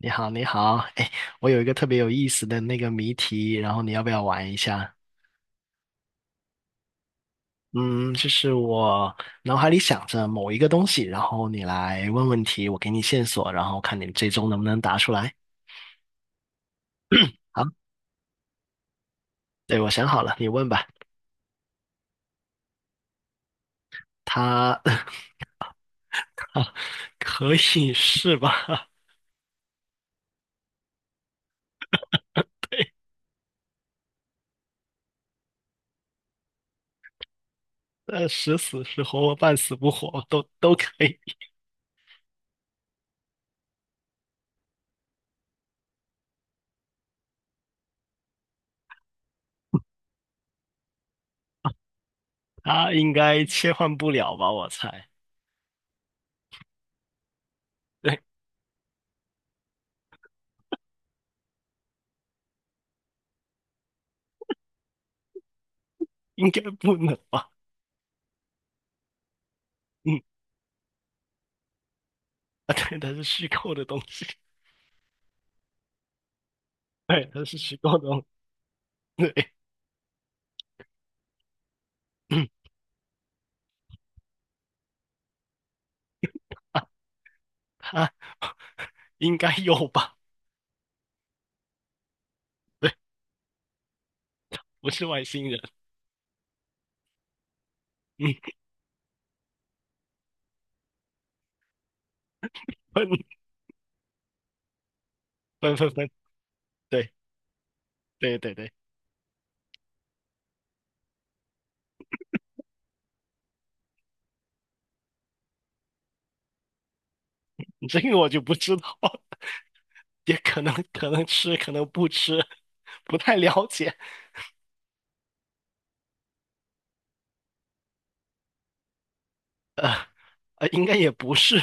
你好，你好，哎，我有一个特别有意思的那个谜题，然后你要不要玩一下？嗯，就是我脑海里想着某一个东西，然后你来问问题，我给你线索，然后看你最终能不能答出来。好，对，我想好了，你问吧。它 可以是吧？时死时活，半死不活，都可以。他应该切换不了吧？我猜，对，应该不能吧？嗯，啊，对，它是虚构的东西。对，它是虚构的，对，嗯啊啊，应该有吧？对，不是外星人，嗯，分分，对对，这个我就不知道，也可能吃，可能不吃，不太了解。应该也不是，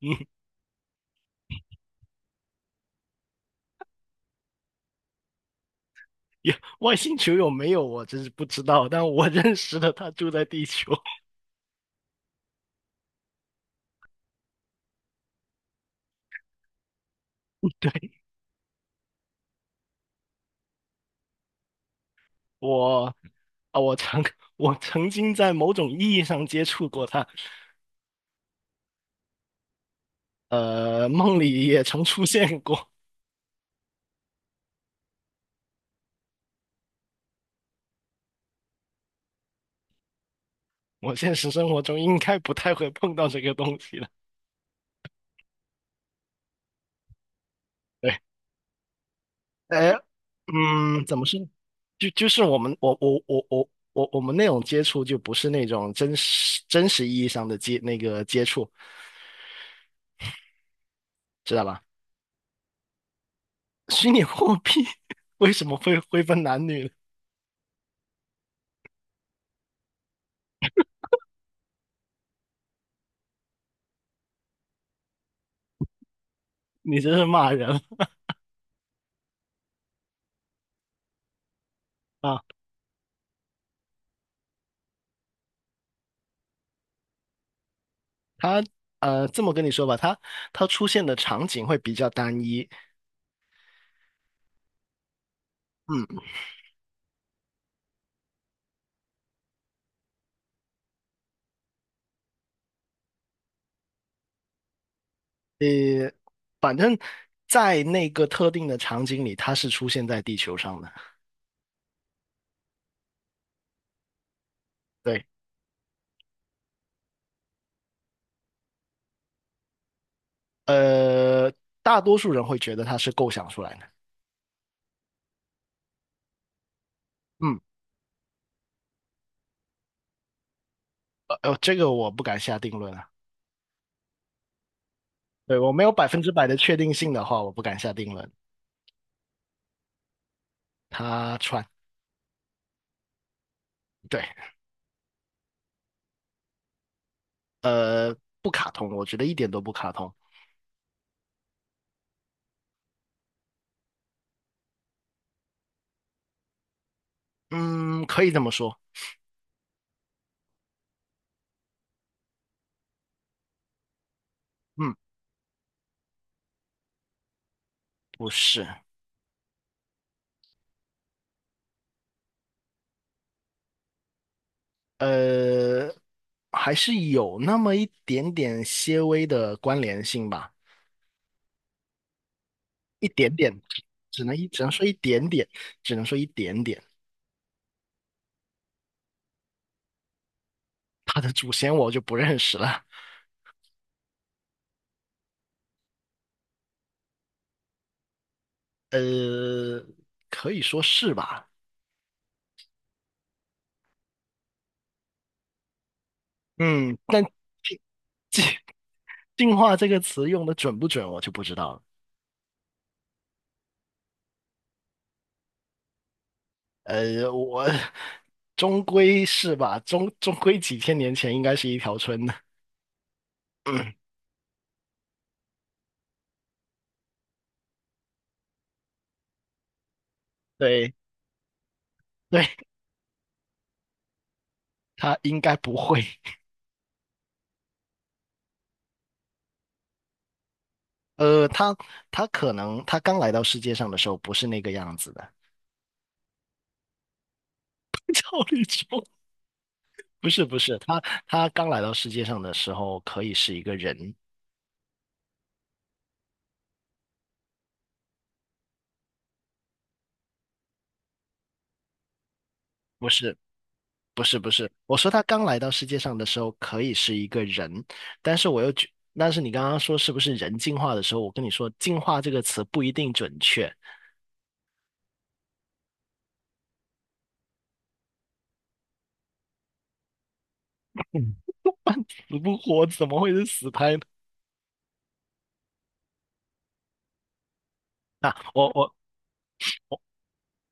嗯，也外星球有没有我真是不知道，但我认识的他住在地球。对，我啊，我曾我曾经在某种意义上接触过他。梦里也曾出现过。我现实生活中应该不太会碰到这个东西了。对，哎，嗯，怎么说呢？就就是我们我我我我我我们那种接触，就不是那种真实意义上的接那个接触，知道吧？虚拟货币 为什么会分男女呢？你这是骂人！啊！它这么跟你说吧，它它出现的场景会比较单一。嗯，呃，反正在那个特定的场景里，它是出现在地球上的。对，呃，大多数人会觉得它是构想出来的。嗯，这个我不敢下定论啊。对，我没有百分之百的确定性的话，我不敢下定论。他穿，对，呃，不卡通，我觉得一点都不卡通。嗯，可以这么说。嗯，不是。呃，还是有那么一点点些微的关联性吧，一点点，只能说一点点，只能说一点点。他的祖先我就不认识了。呃，可以说是吧。嗯，但进进 进化这个词用的准不准，我就不知道了。我终归是吧，终归几千年前应该是一条村的。对对，他应该不会。呃，他他可能他刚来到世界上的时候不是那个样子的。赵立忠不是，他他刚来到世界上的时候可以是一个人。不是不是，我说他刚来到世界上的时候可以是一个人，但是我又觉，但是你刚刚说是不是人进化的时候，我跟你说"进化"这个词不一定准确。嗯死不活怎么会是死胎呢？啊，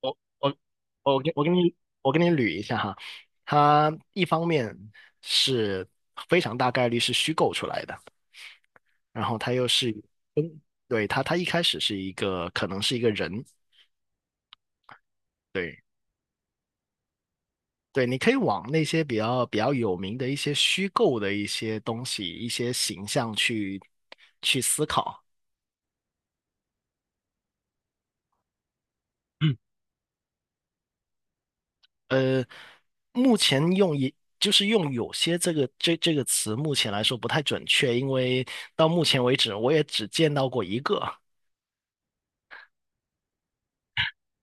我我我给我给你我给你捋一下哈，他一方面是非常大概率是虚构出来的，然后他又是，嗯，对，他他一开始是一个可能是一个人，对。对，你可以往那些比较有名的一些虚构的一些东西、一些形象去去思考。嗯呃，目前用一”就是用"有些"这个这个词，目前来说不太准确，因为到目前为止，我也只见到过一个。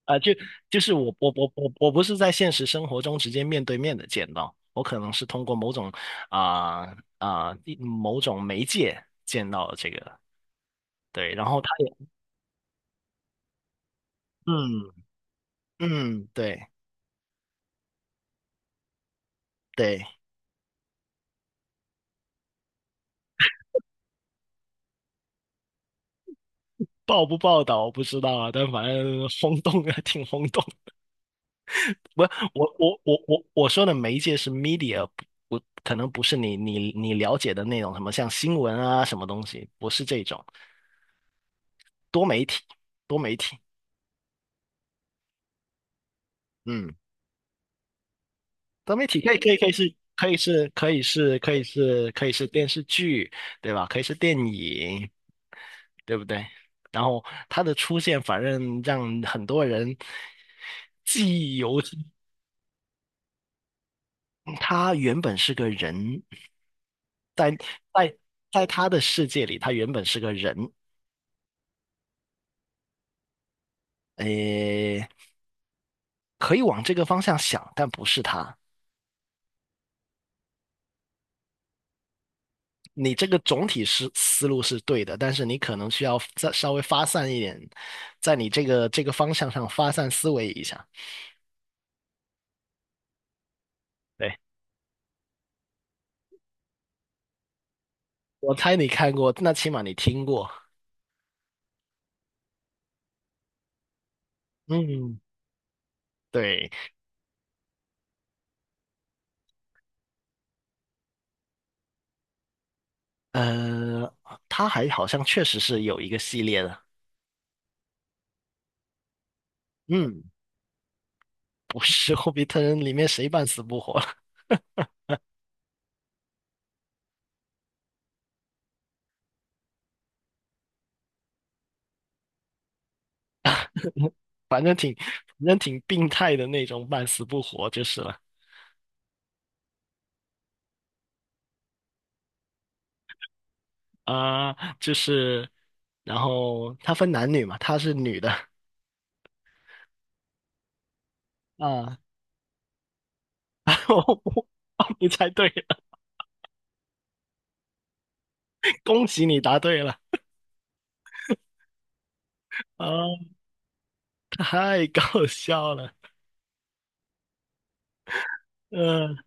就是我不是在现实生活中直接面对面的见到，我可能是通过某种某种媒介见到这个，对，然后他也。嗯。嗯，对对，报不报道我不知道啊，但反正轰动啊，挺轰动的。不，我说的媒介是 media。不，不可能不是你了解的那种什么像新闻啊什么东西，不是这种多媒体，多媒体。嗯，多媒体可以是电视剧，对吧？可以是电影，对不对？然后它的出现，反正让很多人记忆犹新。他原本是个人，在在在他的世界里，他原本是个人。诶，可以往这个方向想，但不是他。你这个总体是思路是对的，但是你可能需要再稍微发散一点，在你这个这个方向上发散思维一下。对，我猜你看过，那起码你听过。嗯，对，呃，他还好像确实是有一个系列的。嗯，不是《<laughs> 霍比特人》里面谁半死不活。反正挺病态的那种，半死不活就是了。啊、就是，然后他分男女嘛，她是女的啊。我哦你猜对了，恭喜你答对了。啊、太搞笑了。嗯、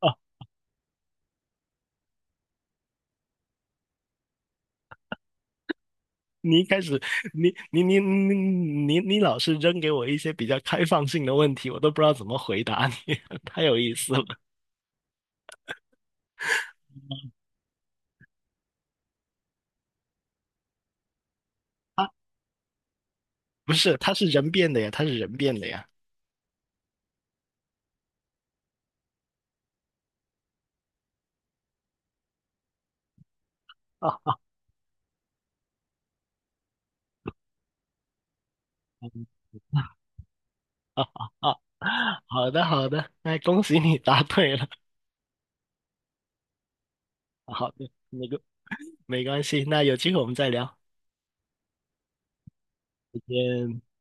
呃、哦，你一开始你老是扔给我一些比较开放性的问题，我都不知道怎么回答你，太有意思了。啊，不是，他是人变的呀，他是人变的呀。啊，啊，好的，那恭喜你答对了。好的，那个没关系，那有机会我们再聊，再见。